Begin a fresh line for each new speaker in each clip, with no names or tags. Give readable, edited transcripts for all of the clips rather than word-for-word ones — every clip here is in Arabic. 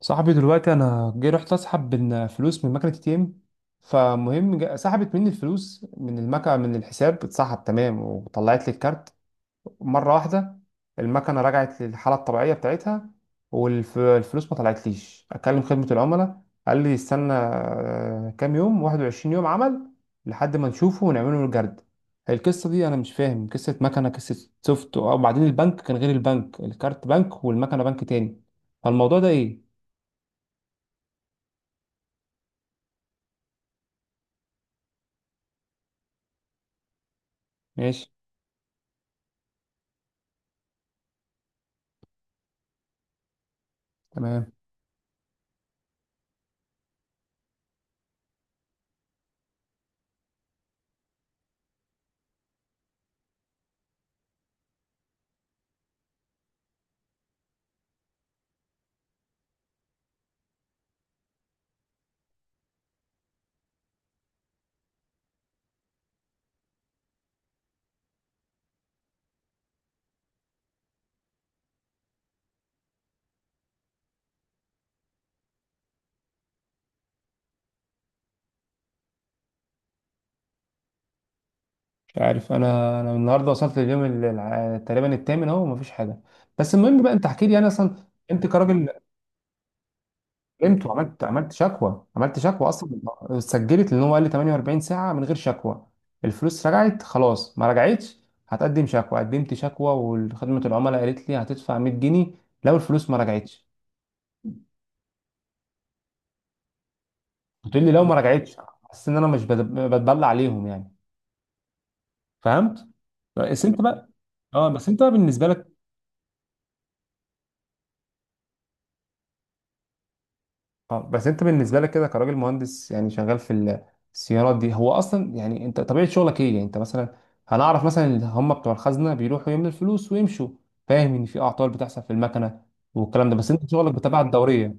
صاحبي دلوقتي انا جاي رحت اسحب من فلوس من مكنه اي ام. فمهم سحبت مني الفلوس من المكنه، من الحساب اتسحب تمام وطلعت لي الكارت مره واحده. المكنه رجعت للحاله الطبيعيه بتاعتها والفلوس ما طلعتليش. اكلم خدمه العملاء قال لي استنى كام يوم، 21 يوم عمل لحد ما نشوفه ونعمله له الجرد. القصه دي انا مش فاهم، قصه مكنه، قصه سوفت، وبعدين البنك كان غير، البنك الكارت بنك والمكنه بنك تاني. فالموضوع ده ايه؟ ماشي. تمام. مش عارف. انا النهارده وصلت لليوم تقريبا الثامن اهو، مفيش حاجه. بس المهم بقى انت احكي لي انا اصلا انت كراجل. قمت وعملت، عملت شكوى اصلا، سجلت. لان هو قال لي 48 ساعه من غير شكوى الفلوس رجعت، خلاص ما رجعتش. هتقدم شكوى، قدمت شكوى، وخدمه العملاء قالت لي هتدفع 100 جنيه لو الفلوس ما رجعتش. قلت لي لو ما رجعتش. حاسس ان انا مش بد- بتبلع عليهم يعني. فهمت. بس انت بقى. اه بس انت بقى بالنسبه لك. اه بس انت بالنسبه لك كده كراجل مهندس يعني شغال في السيارات دي هو اصلا، يعني انت طبيعه شغلك ايه؟ يعني انت مثلا هنعرف مثلا ان هم بتوع الخزنه بيروحوا يملوا الفلوس ويمشوا، فاهم ان في اعطال بتحصل في المكنه والكلام ده، بس انت شغلك بتابع الدوريه.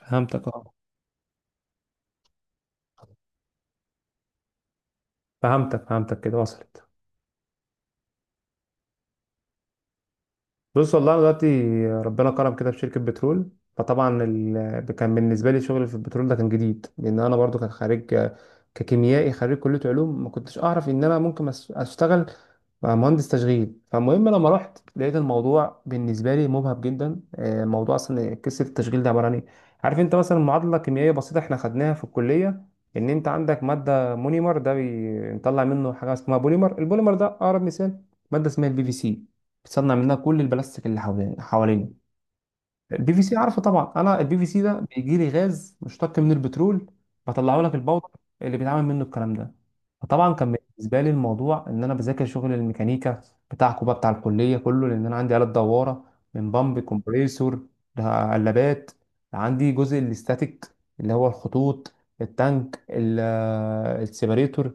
فهمتك اه. فهمتك، كده وصلت. بص والله انا دلوقتي ربنا كرم كده في شركه بترول. فطبعا ال... كان بالنسبه لي شغل في البترول ده كان جديد، لان انا برضو كان خارج ككيميائي خريج كليه علوم. ما كنتش اعرف ان انا ممكن اشتغل بقى مهندس تشغيل. فالمهم لما رحت لقيت الموضوع بالنسبه لي مبهج جدا. الموضوع اصلا قصه التشغيل ده عباره عن ايه؟ عارف انت مثلا معادله كيميائيه بسيطه احنا خدناها في الكليه، ان انت عندك ماده مونيمر ده بنطلع منه حاجه اسمها بوليمر. البوليمر ده اقرب مثال ماده اسمها البي في سي، بتصنع منها كل البلاستيك اللي حوالينا. البي في سي عارفه طبعا. انا البي في سي ده بيجي لي غاز مشتق من البترول، بطلعه لك البودر اللي بيتعمل منه الكلام ده. فطبعا كان بالنسبه لي الموضوع ان انا بذاكر شغل الميكانيكا بتاعكم بقى، بتاع الكليه كله، لان انا عندي آلة دواره من بامب، كومبريسور، لقلابات. عندي جزء الاستاتيك اللي هو الخطوط، التانك السيبريتور.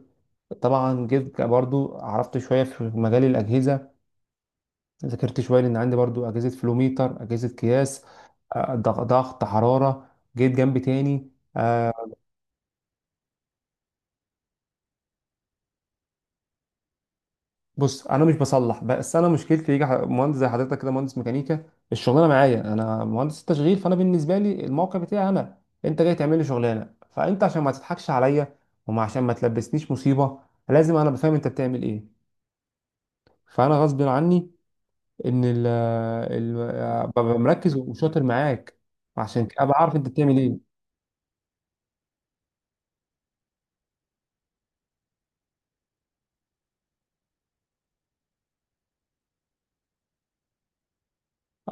طبعا جيت برضو عرفت شويه في مجال الاجهزه، ذاكرت شويه لان عندي برضو اجهزه فلوميتر، اجهزه قياس، ضغط، حراره. جيت جنب تاني. بص انا مش بصلح، بس انا مشكلتي يجي مهندس زي حضرتك كده مهندس ميكانيكا، الشغلانه معايا انا مهندس تشغيل، فانا بالنسبه لي الموقع بتاعي انا، انت جاي تعمل لي شغلانه، فانت عشان ما تضحكش عليا وما عشان ما تلبسنيش مصيبه لازم انا بفهم انت بتعمل ايه. فانا غصب عني ان ببقى مركز وشاطر معاك عشان ابقى عارف انت بتعمل ايه.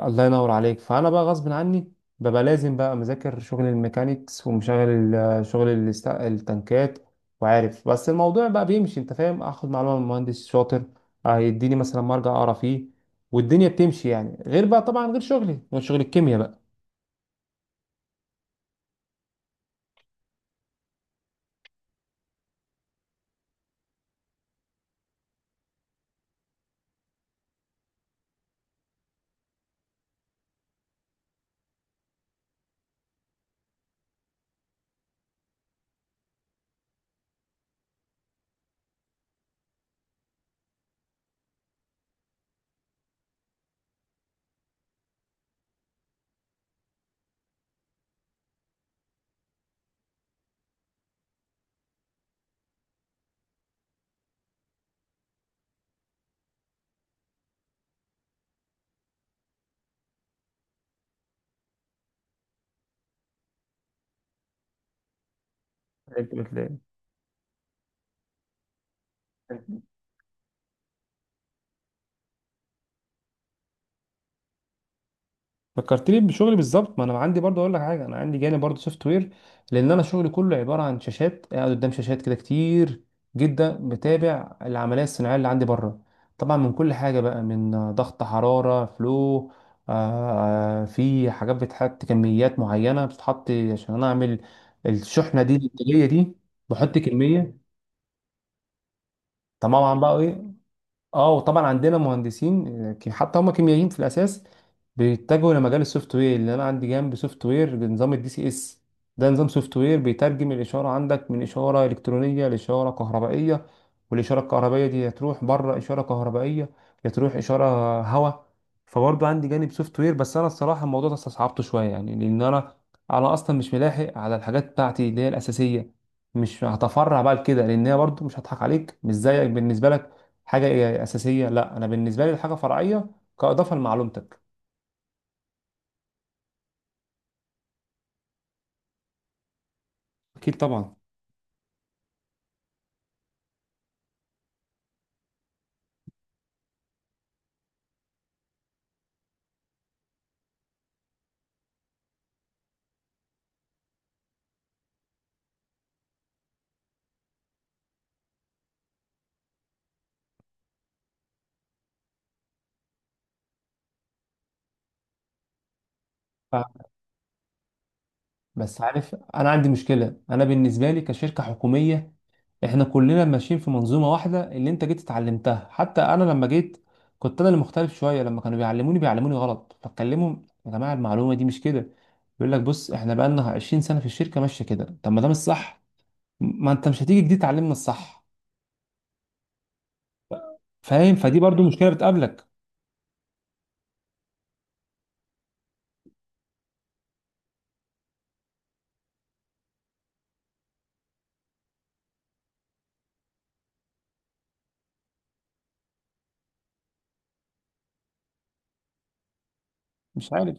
الله ينور عليك. فانا بقى غصب عني ببقى لازم بقى مذاكر شغل الميكانيكس ومشغل شغل التنكات وعارف. بس الموضوع بقى بيمشي، انت فاهم، اخد معلومه من مهندس شاطر هيديني مثلا مرجع اقرا فيه والدنيا بتمشي يعني، غير بقى طبعا غير شغلي غير شغل الكيمياء بقى. انت بتلاقي فكرتني بشغلي بالظبط. ما انا عندي برضه، اقول لك حاجه، انا عندي جانب برضه سوفت وير، لان انا شغلي كله عباره عن شاشات، قاعد قدام شاشات كده كتير جدا بتابع العمليه الصناعيه اللي عندي بره. طبعا من كل حاجه بقى، من ضغط، حراره، فلو، آه، في حاجات بتحط، كميات معينه بتتحط عشان انا اعمل الشحنه دي، الانتاجيه دي، بحط كميه. طبعا بقى ايه، اه، وطبعا عندنا مهندسين حتى هم كيميائيين في الاساس بيتجهوا لمجال السوفت وير. اللي انا عندي جنب سوفت وير بنظام الدي سي اس، ده نظام سوفت وير بيترجم الاشاره عندك من اشاره الكترونيه لاشاره كهربائيه، والاشاره الكهربائيه دي يا تروح بره اشاره كهربائيه يا تروح اشاره هواء. فبرضه عندي جانب سوفت وير، بس انا الصراحه الموضوع ده استصعبته شويه يعني، لان انا، انا اصلا مش ملاحق على الحاجات بتاعتي اللي هي الاساسيه، مش هتفرع بقى لكده، لان هي برضه، مش هضحك عليك، مش زيك بالنسبه لك حاجه اساسيه، لا انا بالنسبه لي الحاجه فرعيه كاضافه لمعلومتك. اكيد طبعا. ف- بس عارف انا عندي مشكله، انا بالنسبه لي كشركه حكوميه احنا كلنا ماشيين في منظومه واحده اللي انت جيت اتعلمتها. حتى انا لما جيت كنت انا اللي مختلف شويه، لما كانوا بيعلموني بيعلموني غلط فاتكلمهم يا جماعه المعلومه دي مش كده، يقول لك بص احنا بقالنا 20 سنه في الشركه ماشيه كده. طب ما ده مش صح، ما انت مش هتيجي جديد تعلمنا الصح. فاهم؟ فدي برضو مشكله بتقابلك. مش عارف،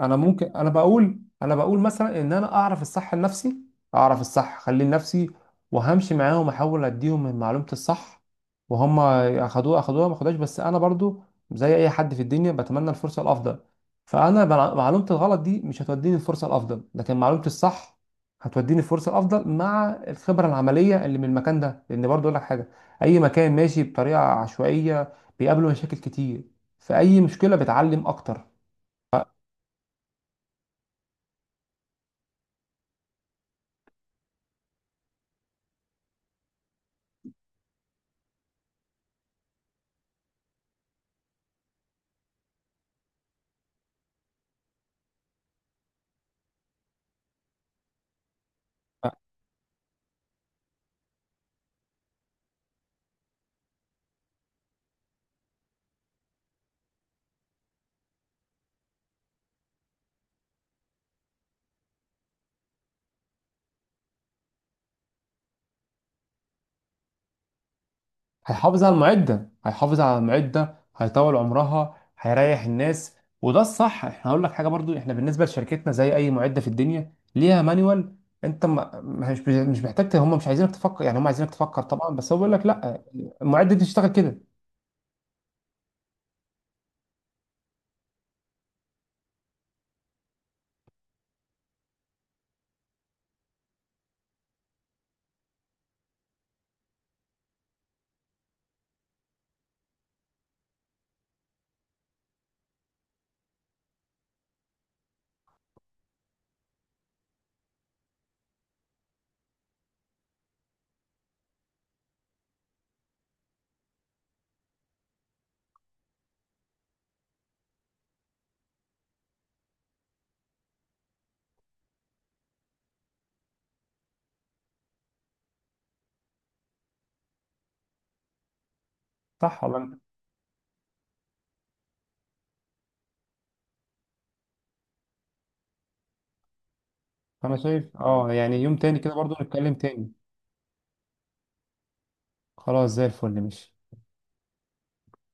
انا ممكن، انا بقول مثلا ان انا اعرف الصح لنفسي، اعرف الصح خليه لنفسي، وهمشي معاهم احاول اديهم من معلومة الصح، وهم اخدوها اخدوها ما اخدوهاش. بس انا برضو زي اي حد في الدنيا بتمنى الفرصة الافضل. فانا معلومة الغلط دي مش هتوديني الفرصة الافضل، لكن معلومة الصح هتوديني الفرصة الافضل مع الخبرة العملية اللي من المكان ده. لان برضو اقول لك حاجة، اي مكان ماشي بطريقة عشوائية بيقابله مشاكل كتير، فاي مشكلة بتعلم اكتر. هيحافظ على المعدة، هيطول عمرها، هيريح الناس، وده الصح. احنا هقول لك حاجة برضو، احنا بالنسبة لشركتنا زي اي معدة في الدنيا ليها مانيوال. انت مش محتاج هم مش عايزينك تفكر، يعني هم عايزينك تفكر طبعا، بس هو بيقول لك لا المعدة دي تشتغل كده، صح ولا انا؟ أنا شايف اه، يعني يوم تاني كده برضو نتكلم تاني. خلاص زي الفل، ماشي.